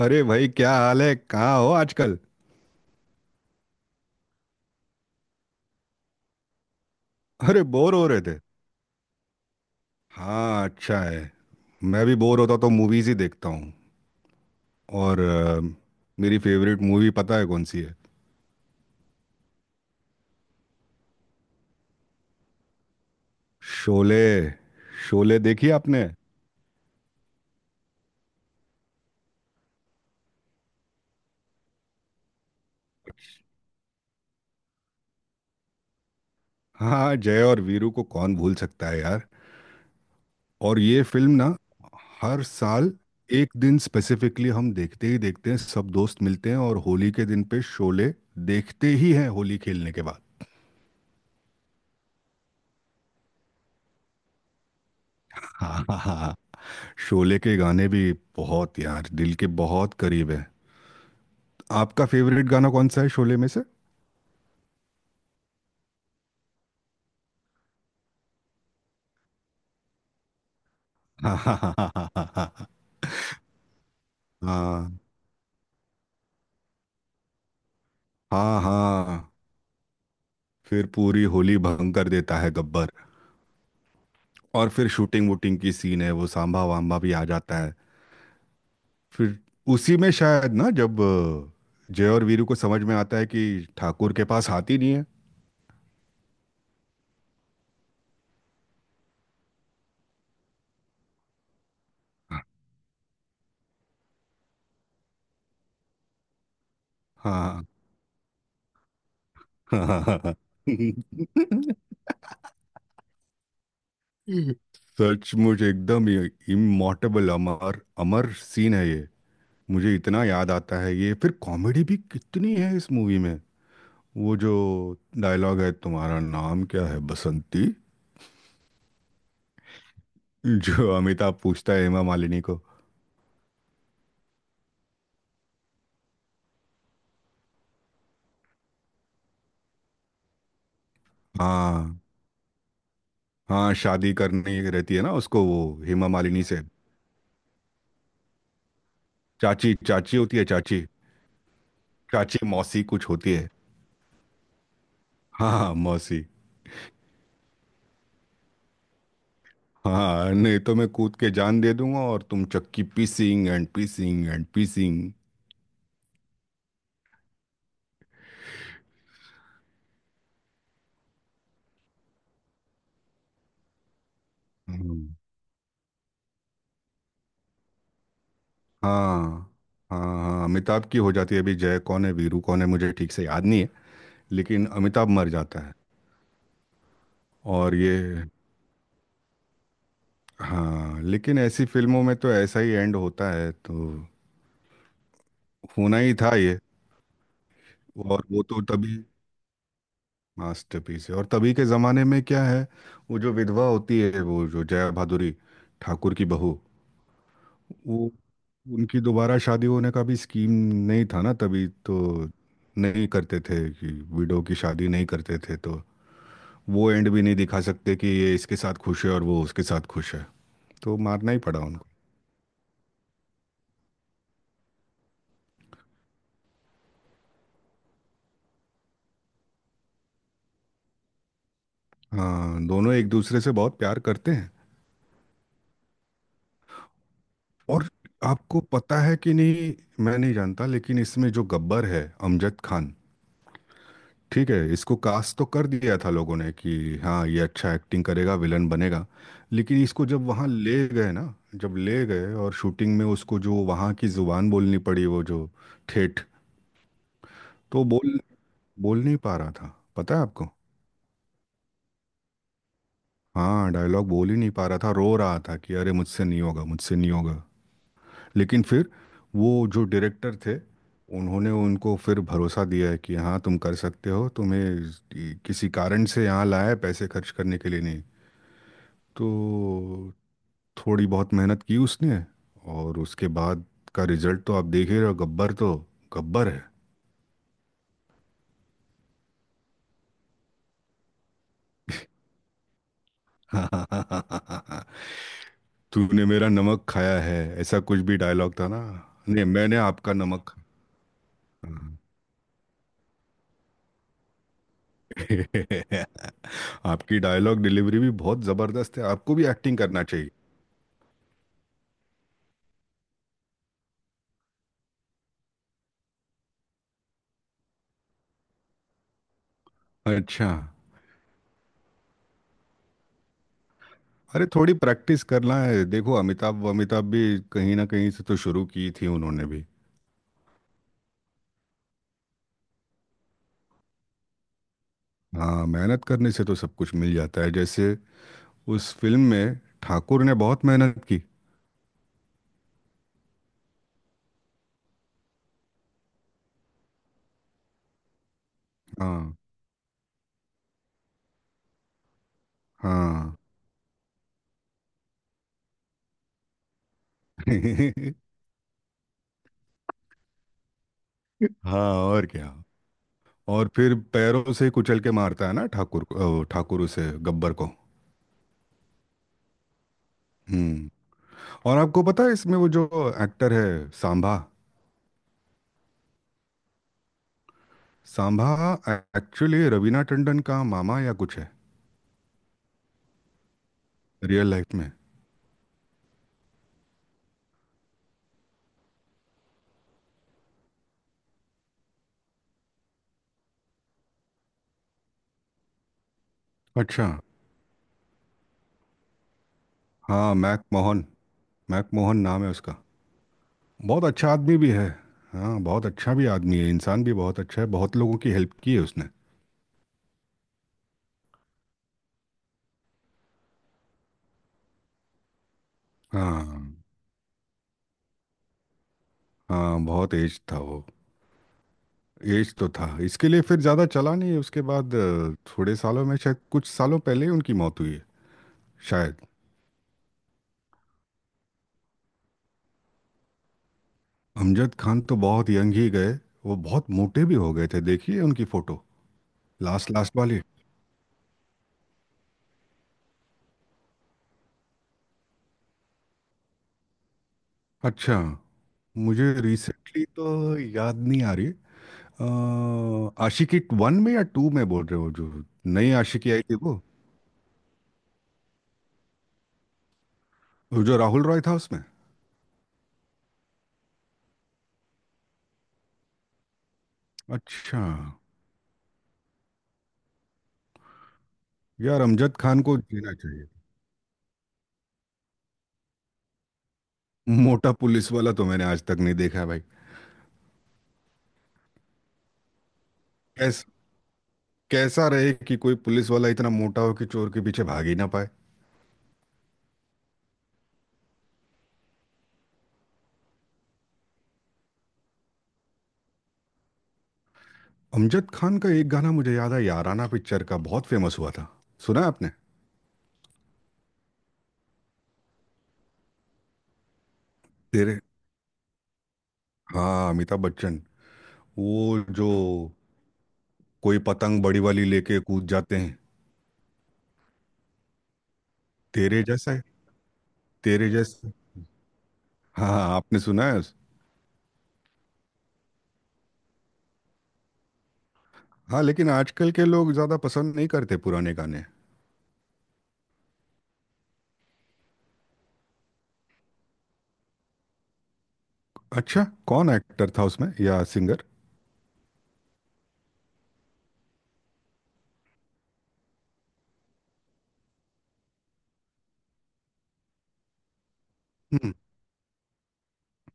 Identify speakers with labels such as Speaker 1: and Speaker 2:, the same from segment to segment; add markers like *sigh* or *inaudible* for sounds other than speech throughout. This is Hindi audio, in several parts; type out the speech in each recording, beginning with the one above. Speaker 1: अरे भाई क्या हाल है कहाँ हो आजकल। अरे बोर हो रहे थे। हाँ अच्छा है। मैं भी बोर होता तो मूवीज ही देखता हूँ। और मेरी फेवरेट मूवी पता है कौन सी है। शोले। शोले देखी आपने। हाँ जय और वीरू को कौन भूल सकता है यार। और ये फिल्म ना, हर साल एक दिन स्पेसिफिकली हम देखते ही देखते हैं, सब दोस्त मिलते हैं और होली के दिन पे शोले देखते ही हैं होली खेलने के बाद। *laughs* शोले के गाने भी बहुत यार दिल के बहुत करीब है। आपका फेवरेट गाना कौन सा है शोले में से। हाँ हाँ हाँ हाँ हाँ। हाँ हाँ हाँ। फिर पूरी होली भंग कर देता है गब्बर। और फिर शूटिंग वूटिंग की सीन है, वो सांभा वाम्बा भी आ जाता है। फिर उसी में शायद ना, जब जय और वीरू को समझ में आता है कि ठाकुर के पास हाथी नहीं है। हाँ। *laughs* हाँ हाँ हाँ, हाँ। *laughs* *laughs* सचमुच एकदम इमोर्टेबल अमर अमर सीन है ये। मुझे इतना याद आता है ये। फिर कॉमेडी भी कितनी है इस मूवी में। वो जो डायलॉग है, तुम्हारा नाम क्या है बसंती। *laughs* जो अमिताभ पूछता है हेमा मालिनी को। हाँ। हाँ शादी करनी रहती है ना उसको, वो हेमा मालिनी से। चाची चाची होती है चाची। चाची मौसी कुछ होती है। हाँ मौसी। हाँ नहीं तो मैं कूद के जान दे दूंगा, और तुम चक्की पीसिंग एंड पीसिंग एंड पीसिंग। हम्म, हाँ। हाँ हाँ अमिताभ की हो जाती है, अभी जय कौन है वीरू कौन है मुझे ठीक से याद नहीं है। लेकिन अमिताभ मर जाता है। और ये, हाँ लेकिन ऐसी फिल्मों में तो ऐसा ही एंड होता है, तो होना ही था ये। और वो तो तभी मास्टरपीस है। और तभी के जमाने में क्या है, वो जो विधवा होती है, वो जो जया भादुरी, ठाकुर की बहू, वो उनकी दोबारा शादी होने का भी स्कीम नहीं था ना तभी तो। नहीं करते थे कि विडो की शादी नहीं करते थे, तो वो एंड भी नहीं दिखा सकते कि ये इसके साथ खुश है और वो उसके साथ खुश है। तो मारना ही पड़ा उनको। हाँ दोनों एक दूसरे से बहुत प्यार करते हैं। और आपको पता है कि नहीं, मैं नहीं जानता, लेकिन इसमें जो गब्बर है अमजद खान, ठीक है इसको कास्ट तो कर दिया था लोगों ने कि हाँ ये अच्छा एक्टिंग करेगा विलन बनेगा। लेकिन इसको जब वहाँ ले गए ना, जब ले गए और शूटिंग में उसको जो वहाँ की जुबान बोलनी पड़ी, वो जो ठेठ, तो बोल बोल नहीं पा रहा था। पता है आपको। हाँ डायलॉग बोल ही नहीं पा रहा था, रो रहा था कि अरे मुझसे नहीं होगा मुझसे नहीं होगा। लेकिन फिर वो जो डायरेक्टर थे, उन्होंने उनको फिर भरोसा दिया है कि हाँ तुम कर सकते हो, तुम्हें किसी कारण से यहाँ लाया है पैसे खर्च करने के लिए नहीं। तो थोड़ी बहुत मेहनत की उसने, और उसके बाद का रिजल्ट तो आप देख ही रहे हो, गब्बर तो गब्बर है। *laughs* तूने मेरा नमक खाया है, ऐसा कुछ भी डायलॉग था ना। नहीं मैंने आपका नमक। हाँ। *laughs* आपकी डायलॉग डिलीवरी भी बहुत ज़बरदस्त है, आपको भी एक्टिंग करना चाहिए। अच्छा, अरे थोड़ी प्रैक्टिस करना है, देखो अमिताभ अमिताभ भी कहीं ना कहीं से तो शुरू की थी उन्होंने भी। हाँ मेहनत करने से तो सब कुछ मिल जाता है, जैसे उस फिल्म में ठाकुर ने बहुत मेहनत की। हाँ हाँ। *laughs* हाँ और क्या, और फिर पैरों से कुचल के मारता है ना ठाकुर को, ठाकुर उसे, गब्बर को। हम्म। और आपको पता है इसमें वो जो एक्टर है सांभा, सांभा एक्चुअली रवीना टंडन का मामा या कुछ है रियल लाइफ में। अच्छा, हाँ मैक मोहन। मैक मोहन नाम है उसका। बहुत अच्छा आदमी भी है। हाँ बहुत अच्छा भी आदमी है, इंसान भी बहुत अच्छा है, बहुत लोगों की हेल्प की है उसने। हाँ हाँ बहुत एज था वो। एज तो था, इसके लिए फिर ज़्यादा चला नहीं उसके बाद। थोड़े सालों में, शायद कुछ सालों पहले ही उनकी मौत हुई है शायद। अमजद खान तो बहुत यंग ही गए। वो बहुत मोटे भी हो गए थे, देखिए उनकी फ़ोटो लास्ट लास्ट वाली। अच्छा, मुझे रिसेंटली तो याद नहीं आ रही। आशिकी वन में या टू में बोल रहे हो, जो नई आशिकी आई थी, वो जो राहुल रॉय था उसमें। अच्छा, यार अमजद खान को जीना चाहिए। मोटा पुलिस वाला तो मैंने आज तक नहीं देखा है भाई। कैस, कैसा रहे कि कोई पुलिस वाला इतना मोटा हो कि चोर के पीछे भाग ही ना पाए। अमजद खान का एक गाना मुझे याद है, याराना पिक्चर का, बहुत फेमस हुआ था। सुना है आपने। तेरे, हाँ अमिताभ बच्चन, वो जो कोई पतंग बड़ी वाली लेके कूद जाते हैं। तेरे जैसा है, तेरे जैसा। हाँ हाँ, आपने सुना है उस। हाँ लेकिन आजकल के लोग ज्यादा पसंद नहीं करते पुराने गाने। अच्छा कौन एक्टर था उसमें या सिंगर। हम्म।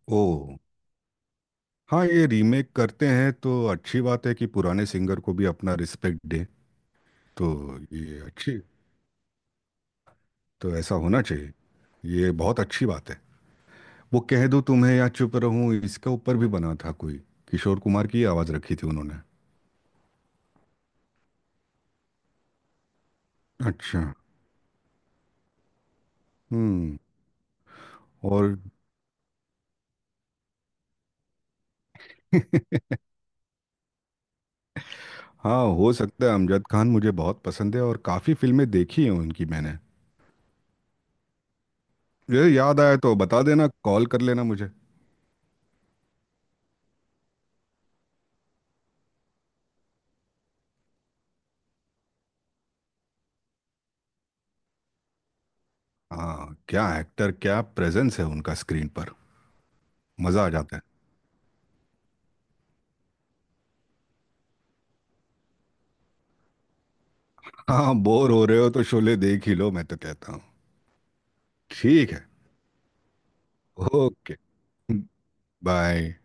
Speaker 1: ओ, हाँ ये रीमेक करते हैं तो अच्छी बात है कि पुराने सिंगर को भी अपना रिस्पेक्ट दे, तो ये अच्छी, तो ऐसा होना चाहिए, ये बहुत अच्छी बात है। वो कह दो तुम्हें या चुप रहूं, इसके ऊपर भी बना था कोई, किशोर कुमार की आवाज़ रखी थी उन्होंने। अच्छा। हम्म। और *laughs* हाँ हो सकता है, अमजद खान मुझे बहुत पसंद है और काफ़ी फिल्में देखी हैं उनकी मैंने। ये याद आया तो बता देना, कॉल कर लेना मुझे। हाँ क्या एक्टर, क्या प्रेजेंस है उनका स्क्रीन पर, मज़ा आ जाता है। हाँ बोर हो रहे हो तो शोले देख ही लो मैं तो कहता हूँ। ठीक है। Okay, bye.